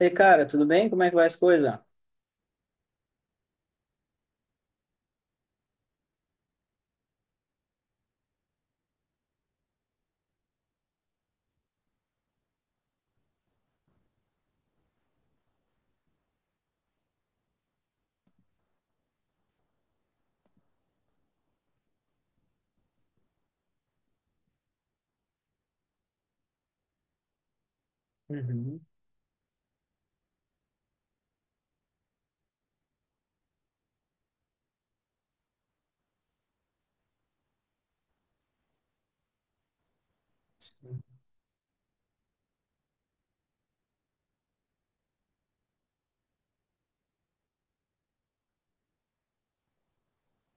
E cara, tudo bem? Como é que vai as coisas? Uhum.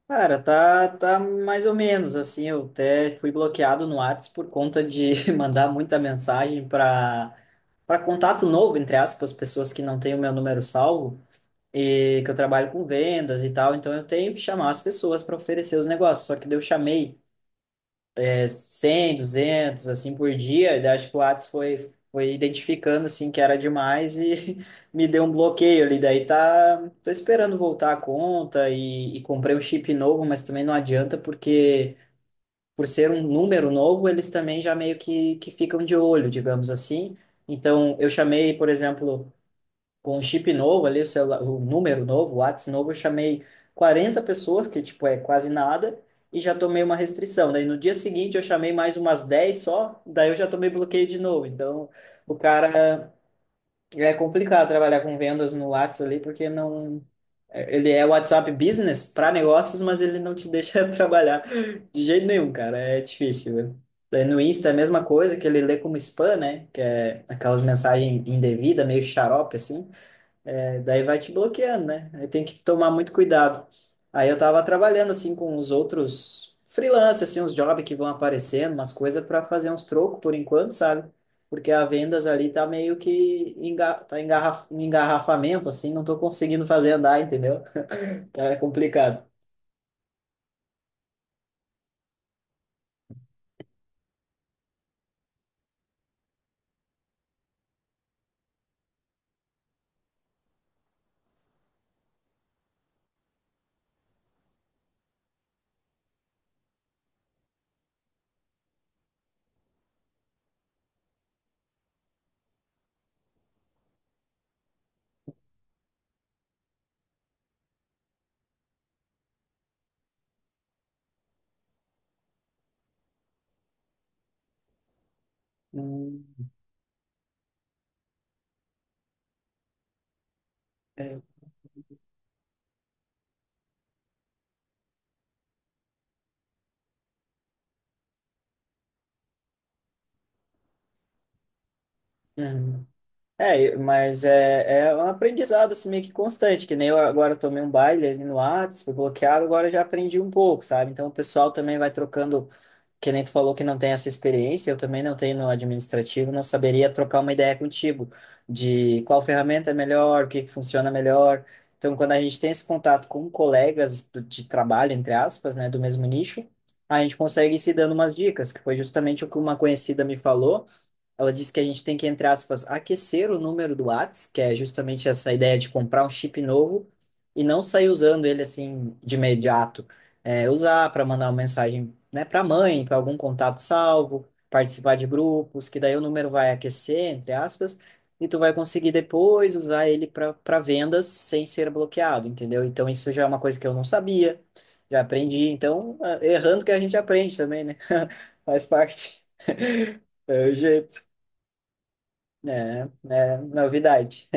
Cara, tá mais ou menos assim. Eu até fui bloqueado no Whats por conta de mandar muita mensagem para contato novo, entre aspas, pessoas que não têm o meu número salvo e que eu trabalho com vendas e tal. Então eu tenho que chamar as pessoas para oferecer os negócios. Só que daí eu chamei 100, 200, assim por dia. Daí acho que o Whats foi identificando assim que era demais e me deu um bloqueio ali. Daí tá, tô esperando voltar a conta e comprei um chip novo, mas também não adianta porque por ser um número novo, eles também já meio que ficam de olho, digamos assim. Então eu chamei, por exemplo, com o chip novo ali, o celular, o número novo, o WhatsApp novo, eu chamei 40 pessoas, que tipo é quase nada, e já tomei uma restrição. Daí no dia seguinte eu chamei mais umas 10 só, daí eu já tomei bloqueio de novo. Então o cara é complicado trabalhar com vendas no WhatsApp ali, porque não. Ele é WhatsApp Business para negócios, mas ele não te deixa trabalhar de jeito nenhum, cara. É difícil, né? Daí no Insta é a mesma coisa que ele lê como spam, né? Que é aquelas mensagens indevidas, meio xarope, assim. É, daí vai te bloqueando, né? Aí tem que tomar muito cuidado. Aí eu tava trabalhando assim com os outros freelancers, assim, uns jobs que vão aparecendo, umas coisas para fazer uns trocos por enquanto, sabe? Porque a vendas ali tá meio que enga tá engarraf em engarrafamento, assim, não tô conseguindo fazer andar, entendeu? Tá complicado. Hum, é, hum. É, mas é um aprendizado assim, meio que constante, que nem eu agora tomei um baile ali no Whats, fui bloqueado, agora já aprendi um pouco, sabe? Então o pessoal também vai trocando, que nem tu falou que não tem essa experiência, eu também não tenho no administrativo, não saberia trocar uma ideia contigo de qual ferramenta é melhor, o que que funciona melhor. Então quando a gente tem esse contato com colegas de trabalho, entre aspas, né, do mesmo nicho, a gente consegue ir se dando umas dicas, que foi justamente o que uma conhecida me falou. Ela disse que a gente tem que, entre aspas, aquecer o número do Whats, que é justamente essa ideia de comprar um chip novo e não sair usando ele assim de imediato. É, usar para mandar uma mensagem, né, para mãe, para algum contato salvo, participar de grupos, que daí o número vai aquecer, entre aspas, e tu vai conseguir depois usar ele para vendas sem ser bloqueado, entendeu? Então isso já é uma coisa que eu não sabia, já aprendi. Então, errando que a gente aprende também, né? Faz parte. É o jeito. É novidade.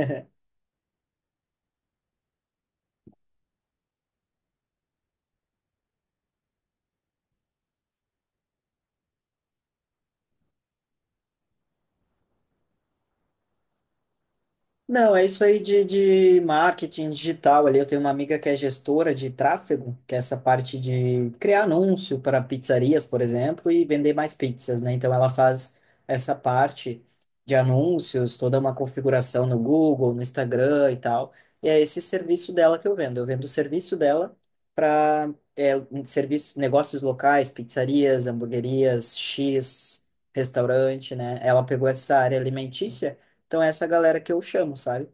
Não, é isso aí de marketing digital ali. Eu tenho uma amiga que é gestora de tráfego, que é essa parte de criar anúncio para pizzarias, por exemplo, e vender mais pizzas, né? Então ela faz essa parte de anúncios, toda uma configuração no Google, no Instagram e tal. E é esse serviço dela que eu vendo. Eu vendo o serviço dela para um serviço, negócios locais, pizzarias, hamburguerias, X, restaurante, né? Ela pegou essa área alimentícia, então é essa galera que eu chamo, sabe?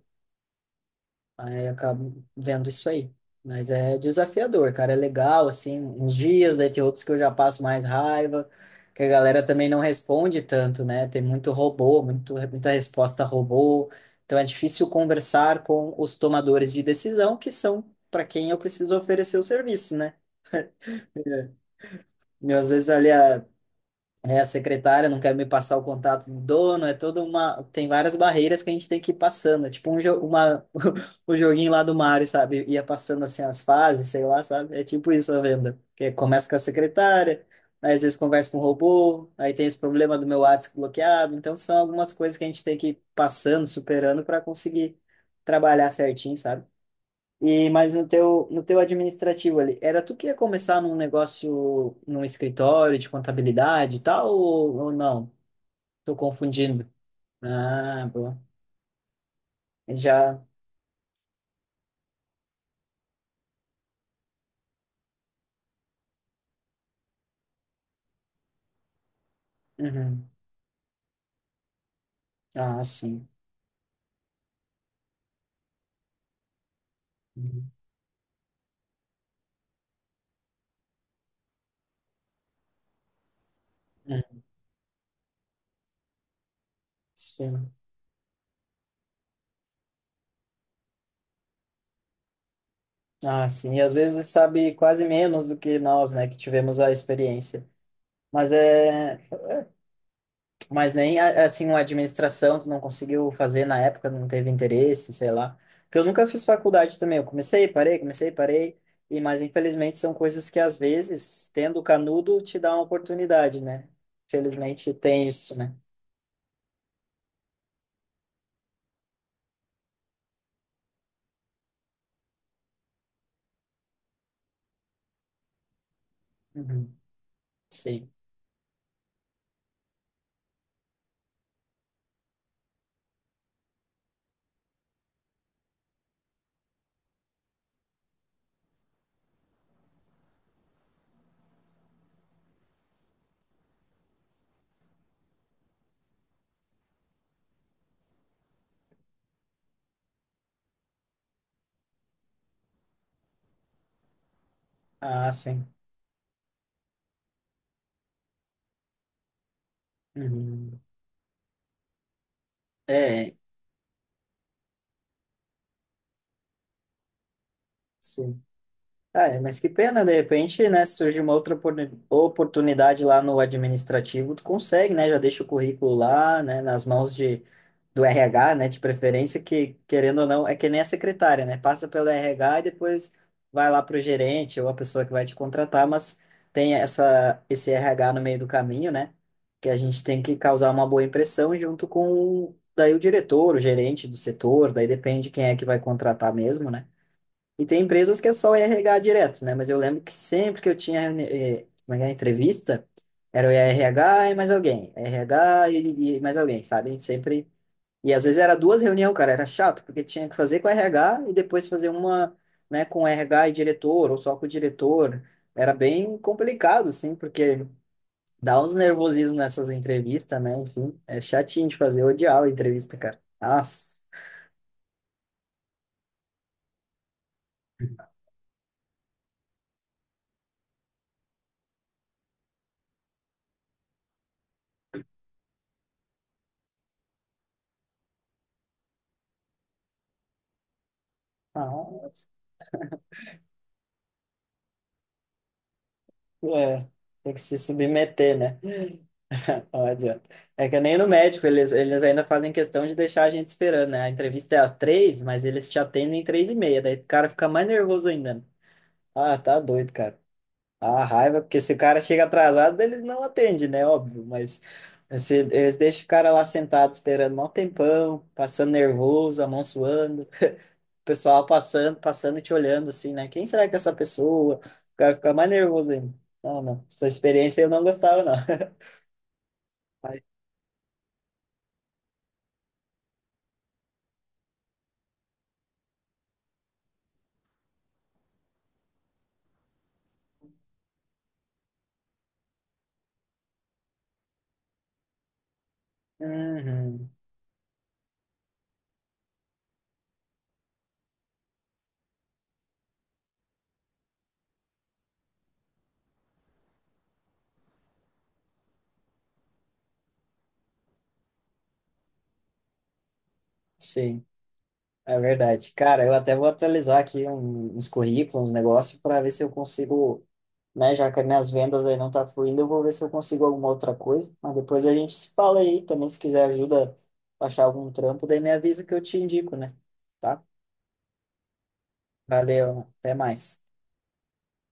Aí eu acabo vendo isso aí. Mas é desafiador, cara. É legal, assim, uns dias, daí tem outros que eu já passo mais raiva, que a galera também não responde tanto, né? Tem muito robô, muito, muita resposta robô. Então é difícil conversar com os tomadores de decisão, que são para quem eu preciso oferecer o serviço, né? E às vezes ali a secretária não quer me passar o contato do dono, é toda uma. Tem várias barreiras que a gente tem que ir passando. É tipo o joguinho lá do Mario, sabe? Ia passando assim as fases, sei lá, sabe? É tipo isso a venda. Que começa com a secretária, aí às vezes conversa com o robô, aí tem esse problema do meu WhatsApp bloqueado. Então são algumas coisas que a gente tem que ir passando, superando para conseguir trabalhar certinho, sabe? E, mas no teu administrativo ali, era tu que ia começar num negócio, num escritório de contabilidade e tal, ou não? Tô confundindo. Ah, boa. Já. Uhum. Ah, sim. Uhum. Uhum. Sim. Ah, sim. E às vezes sabe quase menos do que nós, né, que tivemos a experiência. Mas é, Mas nem assim uma administração tu não conseguiu fazer na época, não teve interesse, sei lá. Porque eu nunca fiz faculdade também, eu comecei, parei, comecei, parei. Mas infelizmente são coisas que às vezes, tendo canudo, te dá uma oportunidade, né? Infelizmente tem isso, né? Uhum. Sim. Ah, sim. Uhum. É, sim. Ah, é, mas que pena, de repente, né, se surge uma outra oportunidade lá no administrativo, tu consegue, né, já deixa o currículo lá, né, nas mãos do RH, né, de preferência, que, querendo ou não, é que nem a secretária, né, passa pelo RH e depois vai lá para o gerente ou a pessoa que vai te contratar, mas tem essa, esse RH no meio do caminho, né, que a gente tem que causar uma boa impressão junto com, daí, o diretor, o gerente do setor, daí depende quem é que vai contratar mesmo, né, e tem empresas que é só o RH direto, né? Mas eu lembro que sempre que eu tinha como é que é, entrevista, era o RH e mais alguém, RH e mais alguém, sabe? A gente sempre. E às vezes era duas reuniões, cara, era chato, porque tinha que fazer com o RH e depois fazer uma, né, com o RH e diretor, ou só com o diretor. Era bem complicado, assim, porque dá uns nervosismos nessas entrevistas, né? Enfim, é chatinho de fazer, eu odiava a entrevista, cara. Nossa, nossa. É, tem que se submeter, né? Não adianta. É que nem no médico, eles ainda fazem questão de deixar a gente esperando, né? A entrevista é às 3, mas eles te atendem em 3:30, daí o cara fica mais nervoso ainda, né? Ah, tá doido, cara. A raiva, porque se o cara chega atrasado, eles não atendem, né? Óbvio, mas se, eles deixam o cara lá sentado esperando um tempão, passando nervoso, a mão suando, o pessoal passando, passando e te olhando assim, né? Quem será que é essa pessoa? O cara fica mais nervoso ainda. Não, não. Essa experiência eu não gostava, não. Mas, uhum. Sim, é verdade. Cara, eu até vou atualizar aqui uns currículos, uns negócios, para ver se eu consigo, né? Já que as minhas vendas aí não tá fluindo, eu vou ver se eu consigo alguma outra coisa. Mas depois a gente se fala aí também. Se quiser ajuda pra achar algum trampo, daí me avisa que eu te indico, né? Tá? Valeu, até mais.